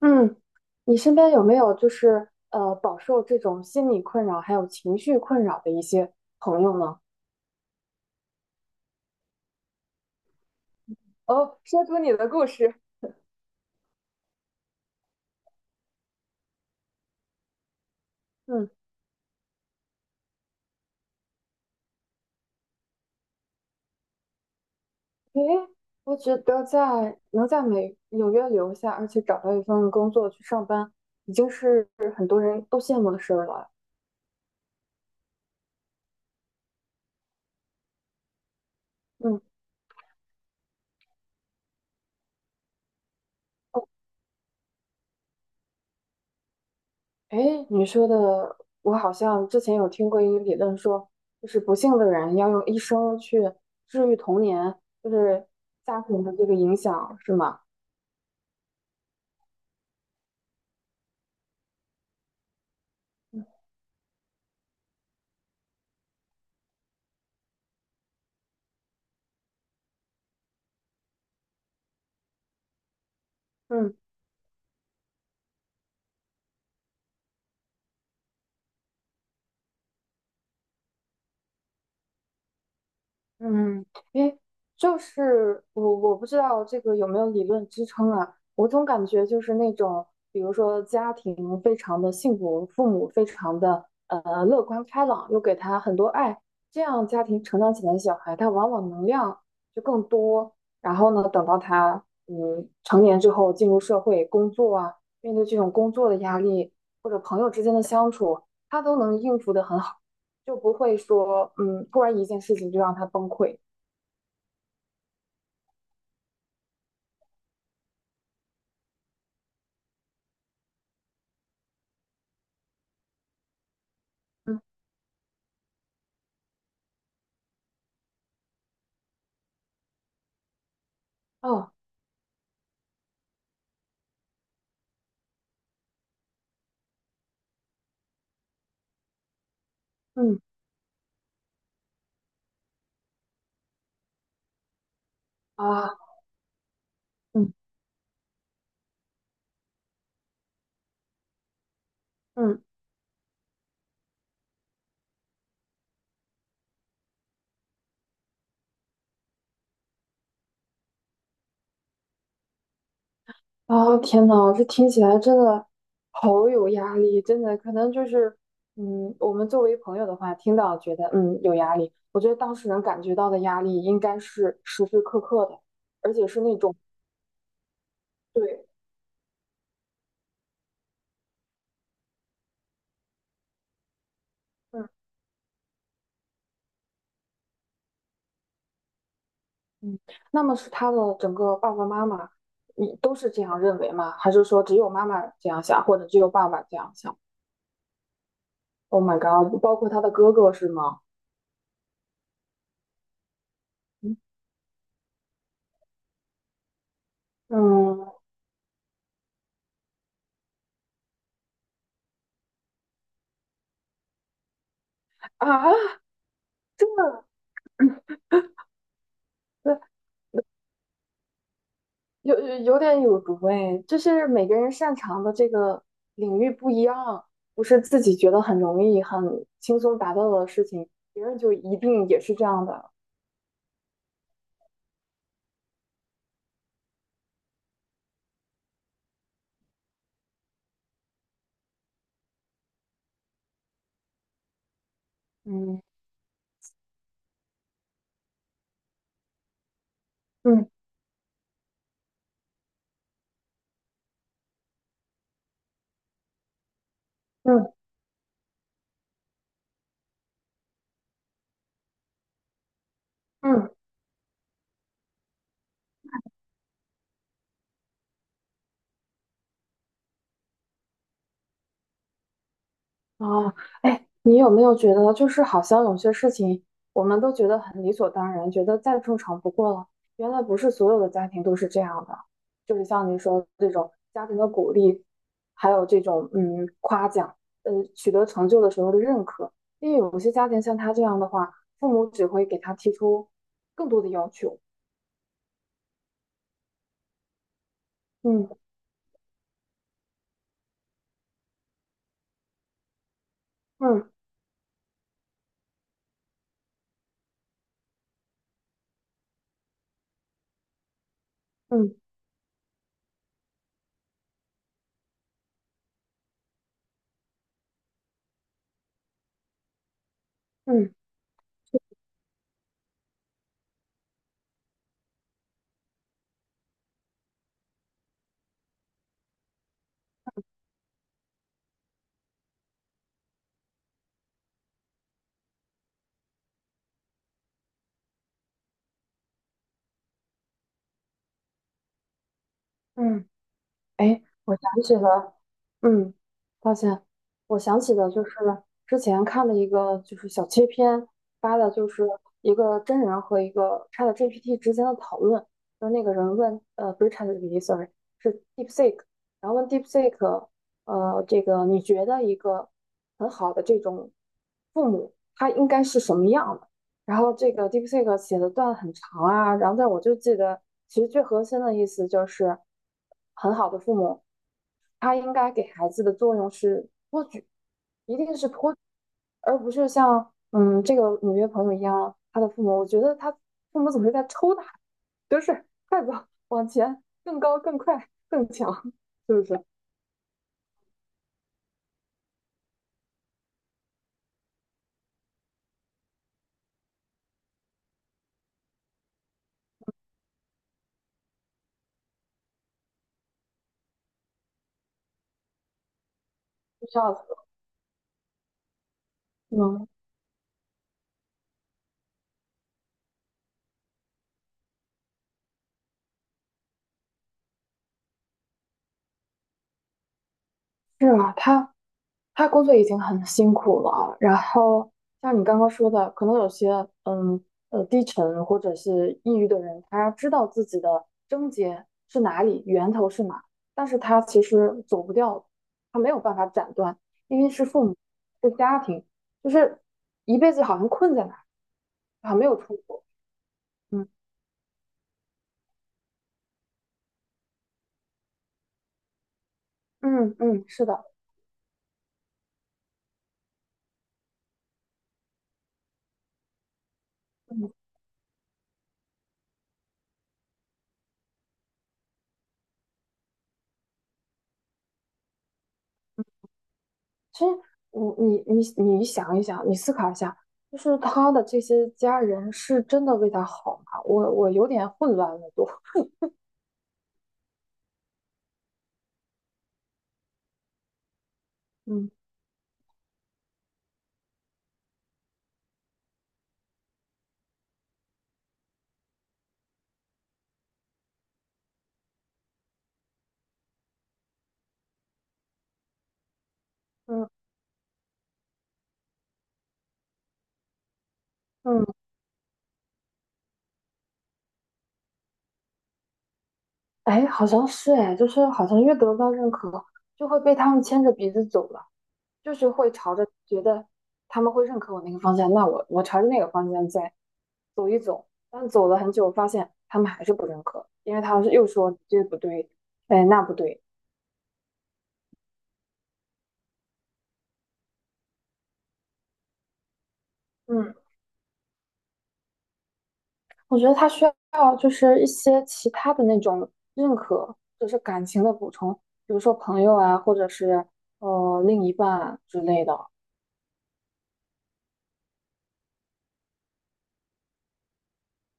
嗯，你身边有没有饱受这种心理困扰还有情绪困扰的一些朋友呢？哦，说出你的故事。嗯，诶，我觉得在能在美纽约留下，而且找到一份工作去上班，已经是很多人都羡慕的事儿了。嗯，哦，诶，你说的，我好像之前有听过一个理论说，就是不幸的人要用一生去治愈童年，就是家庭的这个影响，是吗？嗯。嗯，因为就是我不知道这个有没有理论支撑啊，我总感觉就是那种，比如说家庭非常的幸福，父母非常的乐观开朗，又给他很多爱，这样家庭成长起来的小孩，他往往能量就更多。然后呢，等到他成年之后进入社会工作啊，面对这种工作的压力或者朋友之间的相处，他都能应付得很好。就不会说，突然一件事情就让他崩溃。嗯，哦，嗯啊，嗯嗯，啊，天呐，这听起来真的好有压力，真的可能就是，嗯，我们作为朋友的话，听到觉得有压力，我觉得当事人感觉到的压力应该是时时刻刻的，而且是那种对，嗯嗯，那么是他的整个爸爸妈妈，你都是这样认为吗？还是说只有妈妈这样想，或者只有爸爸这样想？Oh my god！包括他的哥哥是吗？嗯啊，这这有点有毒哎，就是每个人擅长的这个领域不一样，不是自己觉得很容易、很轻松达到的事情，别人就一定也是这样的。嗯嗯嗯嗯。哦，哎，你有没有觉得，就是好像有些事情，我们都觉得很理所当然，觉得再正常不过了。原来不是所有的家庭都是这样的，就是像您说这种家庭的鼓励，还有这种夸奖，取得成就的时候的认可。因为有些家庭像他这样的话，父母只会给他提出更多的要求。嗯嗯嗯嗯嗯，哎，我想起了，嗯，抱歉，我想起的就是之前看的一个就是小切片，发的就是一个真人和一个 ChatGPT 之间的讨论，就是那个人问，不是 ChatGPT，sorry，是 DeepSeek，然后问 DeepSeek，这个你觉得一个很好的这种父母他应该是什么样的？然后这个 DeepSeek 写的段很长啊，然后但我就记得，其实最核心的意思就是，很好的父母，他应该给孩子的作用是托举，一定是托举，而不是像这个纽约朋友一样，他的父母，我觉得他父母总是在抽打，就是 快走，往前，更高，更快，更强，是不是？不知道，嗯，是啊，他。他工作已经很辛苦了啊，然后像你刚刚说的，可能有些嗯低沉或者是抑郁的人，他知道自己的症结是哪里，源头是哪，但是他其实走不掉，他没有办法斩断，因为是父母，是家庭，就是一辈子好像困在那儿，好像没有出国。嗯嗯，是的，嗯其实你想一想，你思考一下，就是他的这些家人是真的为他好吗？我有点混乱了都，嗯嗯嗯，哎，好像是哎，就是好像越得不到认可，就会被他们牵着鼻子走了，就是会朝着觉得他们会认可我那个方向，那我朝着那个方向再走一走，但走了很久，发现他们还是不认可，因为他们又说这不对，哎那不对，嗯。我觉得他需要就是一些其他的那种认可，就是感情的补充，比如说朋友啊，或者是另一半啊之类的。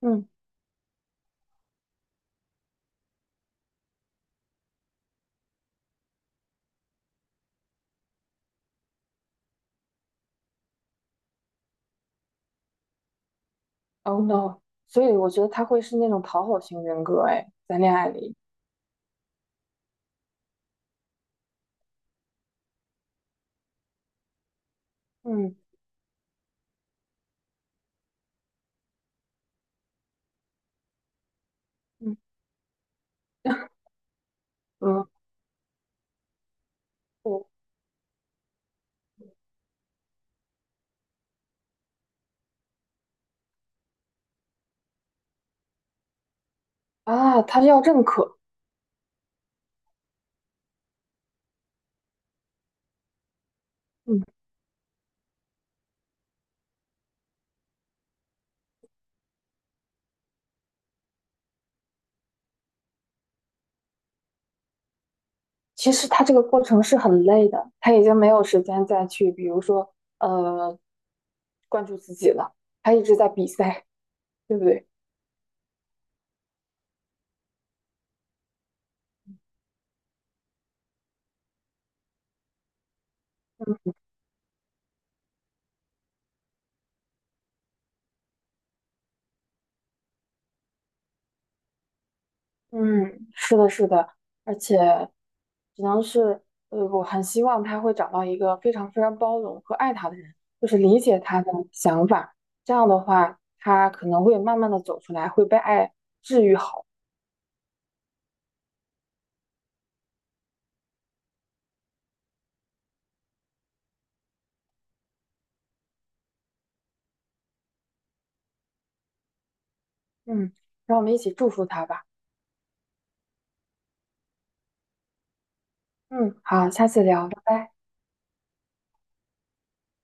嗯，Oh no！所以我觉得他会是那种讨好型人格，哎，在恋爱里，嗯嗯嗯，我啊，他要认可，嗯，其实他这个过程是很累的，他已经没有时间再去，比如说呃，关注自己了，他一直在比赛，对不对？嗯，是的，是的，而且只能是，我很希望他会找到一个非常非常包容和爱他的人，就是理解他的想法。这样的话，他可能会慢慢的走出来，会被爱治愈好。嗯，让我们一起祝福他吧。嗯，好，下次聊，拜拜。